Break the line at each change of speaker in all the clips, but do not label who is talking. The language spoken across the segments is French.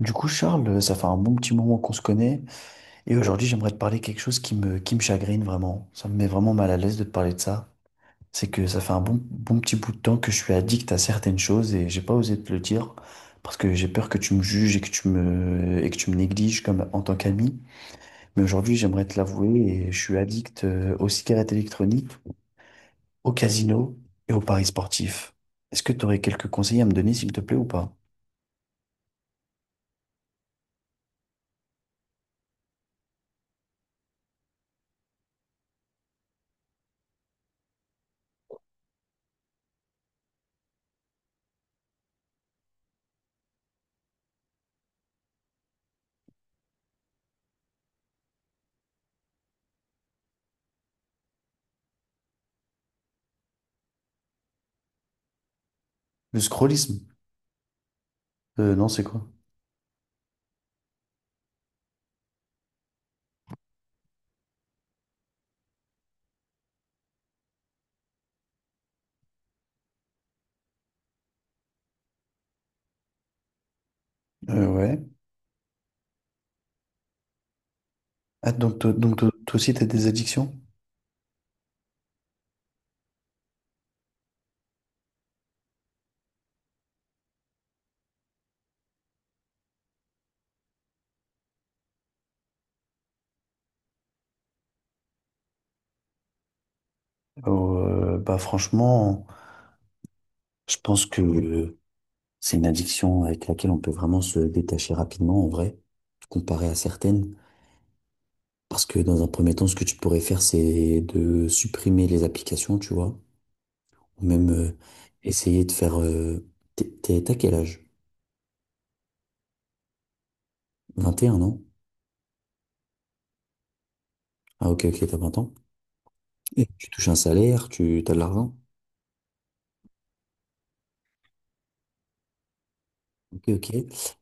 Du coup, Charles, ça fait un bon petit moment qu'on se connaît et aujourd'hui, j'aimerais te parler quelque chose qui me chagrine vraiment. Ça me met vraiment mal à l'aise de te parler de ça. C'est que ça fait un bon, bon petit bout de temps que je suis addict à certaines choses et j'ai pas osé te le dire parce que j'ai peur que tu me juges et que tu me négliges comme en tant qu'ami. Mais aujourd'hui, j'aimerais te l'avouer et je suis addict aux cigarettes électroniques, au casino et aux paris sportifs. Est-ce que tu aurais quelques conseils à me donner, s'il te plaît, ou pas? Le scrollisme? Non, c'est quoi? Ouais. Ah, donc toi aussi, tu as des addictions? Bah, franchement, je pense que c'est une addiction avec laquelle on peut vraiment se détacher rapidement, en vrai, comparé à certaines. Parce que dans un premier temps, ce que tu pourrais faire, c'est de supprimer les applications, tu vois, ou même essayer de faire. T'as quel âge? 21, non. Ah, ok, ok, t'as 20 ans. Et tu touches un salaire, tu as de l'argent. Ok, ok.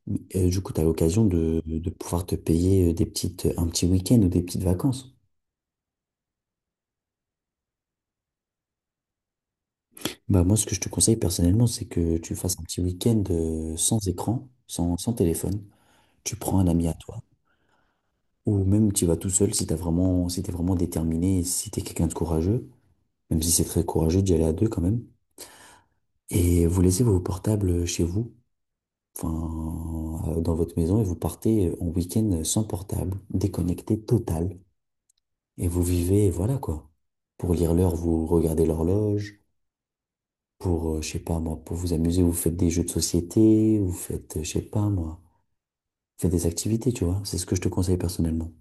Mais, du coup, tu as l'occasion de pouvoir te payer un petit week-end ou des petites vacances. Bah, moi, ce que je te conseille personnellement, c'est que tu fasses un petit week-end sans écran, sans téléphone. Tu prends un ami à toi, ou même tu y vas tout seul si t'es vraiment déterminé, si t'es quelqu'un de courageux, même si c'est très courageux d'y aller à deux quand même. Et vous laissez vos portables chez vous, enfin, dans votre maison, et vous partez en week-end sans portable, déconnecté total. Et vous vivez, voilà quoi. Pour lire l'heure, vous regardez l'horloge. Je sais pas moi, pour vous amuser, vous faites des jeux de société, vous faites, je sais pas moi, vous faites des activités, tu vois. C'est ce que je te conseille personnellement.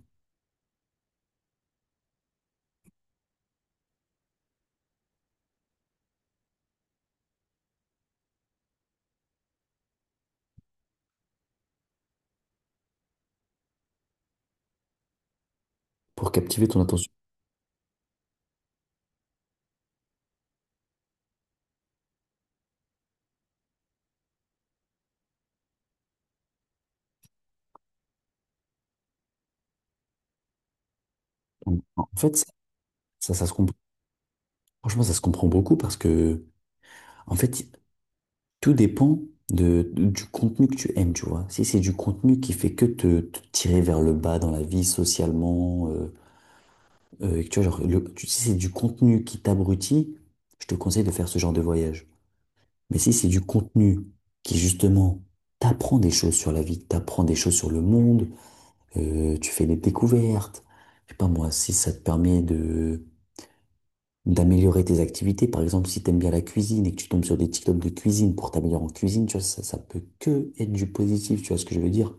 Pour captiver ton attention. En fait, ça se comprend. Franchement, ça se comprend beaucoup parce que, en fait, tout dépend du contenu que tu aimes, tu vois. Si c'est du contenu qui fait que te tirer vers le bas dans la vie, socialement, tu vois, genre, si c'est du contenu qui t'abrutit, je te conseille de faire ce genre de voyage. Mais si c'est du contenu qui justement t'apprend des choses sur la vie, t'apprend des choses sur le monde, tu fais des découvertes, je sais pas moi, si ça te permet de d'améliorer tes activités, par exemple si t'aimes bien la cuisine et que tu tombes sur des TikTok de cuisine pour t'améliorer en cuisine, tu vois, ça peut que être du positif, tu vois ce que je veux dire?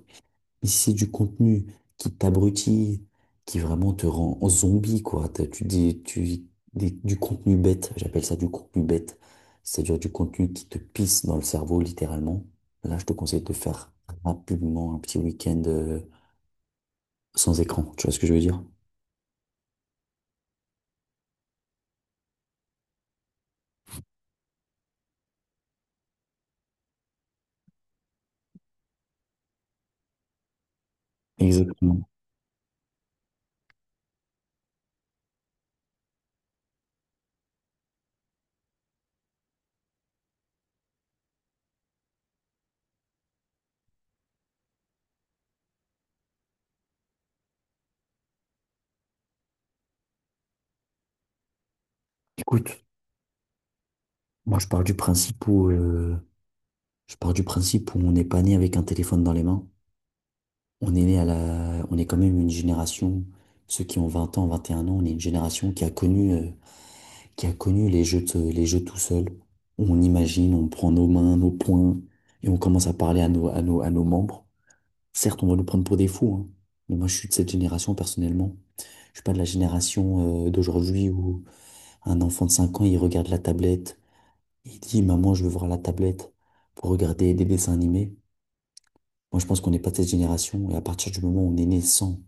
Mais si c'est du contenu qui t'abrutit, qui vraiment te rend zombie, quoi. Tu dis, du contenu bête, j'appelle ça du contenu bête. C'est-à-dire du contenu qui te pisse dans le cerveau, littéralement. Là, je te conseille de faire rapidement un petit week-end sans écran. Tu vois ce que je veux dire? Exactement. Écoute, moi, je pars du principe où on n'est pas né avec un téléphone dans les mains. On est né on est quand même une génération, ceux qui ont 20 ans, 21 ans, on est une génération qui a connu. Qui a connu les jeux tout seul, où on imagine, on prend nos mains, nos poings, et on commence à parler à nos membres. Certes, on va nous prendre pour des fous, hein, mais moi je suis de cette génération personnellement. Je suis pas de la génération d'aujourd'hui où un enfant de 5 ans, il regarde la tablette, il dit, Maman, je veux voir la tablette pour regarder des dessins animés. Moi, je pense qu'on n'est pas de cette génération, et à partir du moment où on est né sans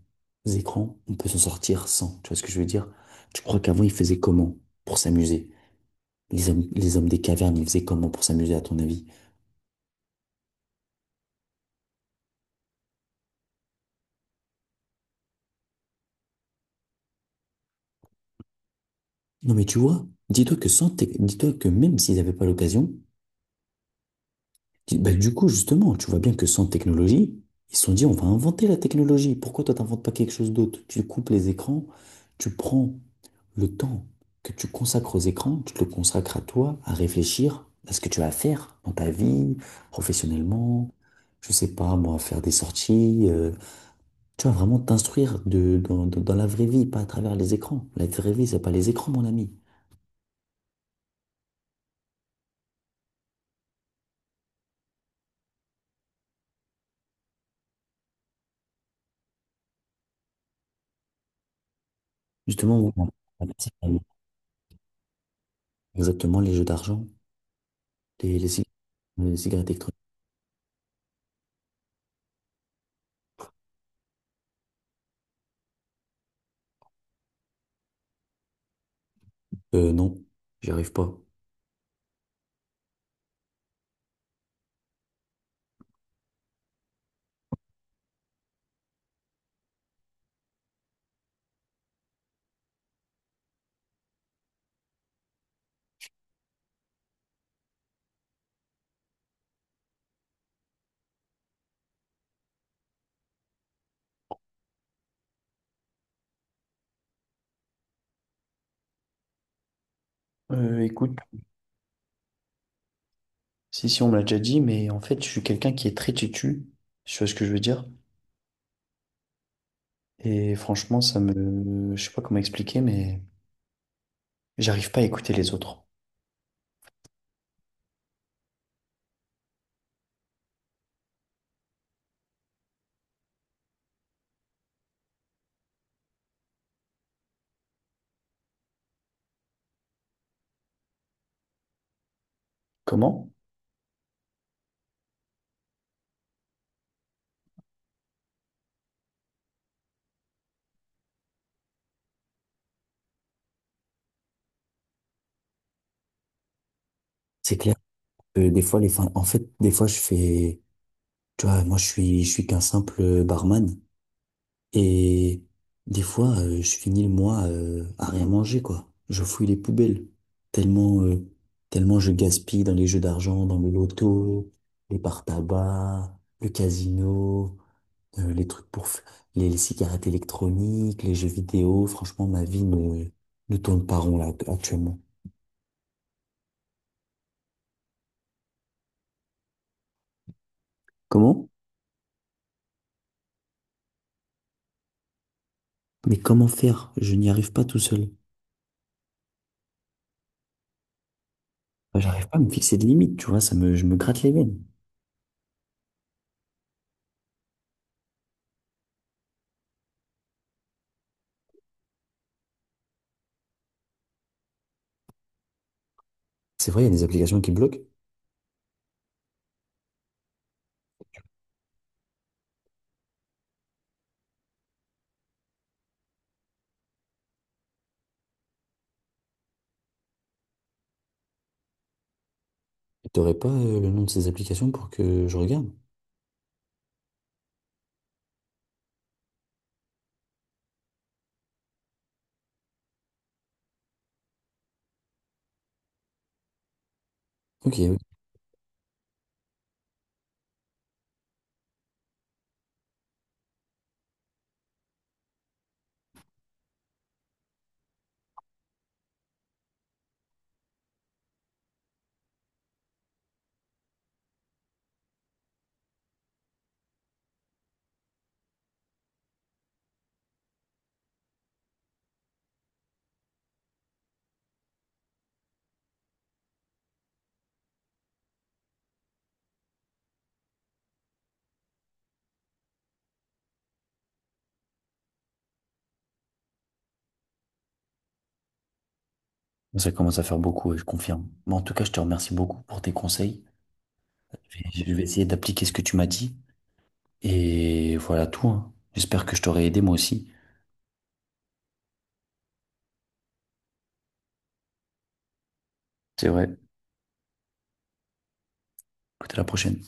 écran, on peut s'en sortir sans. Tu vois ce que je veux dire? Tu crois qu'avant, ils faisaient comment pour s'amuser? Les hommes des cavernes, ils faisaient comment pour s'amuser, à ton avis? Non, mais tu vois, dis-toi que même s'ils n'avaient pas l'occasion, bah, du coup, justement, tu vois bien que sans technologie, ils se sont dit, on va inventer la technologie. Pourquoi toi, t'inventes pas quelque chose d'autre? Tu coupes les écrans, tu prends le temps que tu consacres aux écrans, tu te le consacres à toi, à réfléchir à ce que tu vas faire dans ta vie, professionnellement, je sais pas, moi, faire des sorties, tu vas vraiment t'instruire dans la vraie vie, pas à travers les écrans. La vraie vie, c'est pas les écrans, mon ami. Justement, oui, on exactement les jeux d'argent, les, les, cig- les cigarettes électroniques. Non, j'y arrive pas. Écoute, si, si, on me l'a déjà dit, mais en fait, je suis quelqu'un qui est très têtu, tu vois ce que je veux dire? Et franchement, ça me. Je sais pas comment expliquer, mais j'arrive pas à écouter les autres. Comment? C'est clair que des fois, en fait, des fois, je fais, tu vois, moi, je suis qu'un simple barman. Et des fois, je finis le mois à rien manger, quoi. Je fouille les poubelles. Tellement, euh, tellement je gaspille dans les jeux d'argent, dans le loto, les par-tabac, le casino, les trucs pour f- les cigarettes électroniques, les jeux vidéo. Franchement, ma vie ne tourne pas rond là actuellement. Comment? Mais comment faire? Je n'y arrive pas tout seul. Enfin, j'arrive pas à me fixer de limites, tu vois, je me gratte les veines. C'est vrai, il y a des applications qui bloquent. Et t'aurais pas le nom de ces applications pour que je regarde? Ok, ok. Ça commence à faire beaucoup, et je confirme. Mais en tout cas, je te remercie beaucoup pour tes conseils. Et je vais essayer d'appliquer ce que tu m'as dit. Et voilà tout, hein. J'espère que je t'aurai aidé moi aussi. C'est vrai. Écoute, à la prochaine.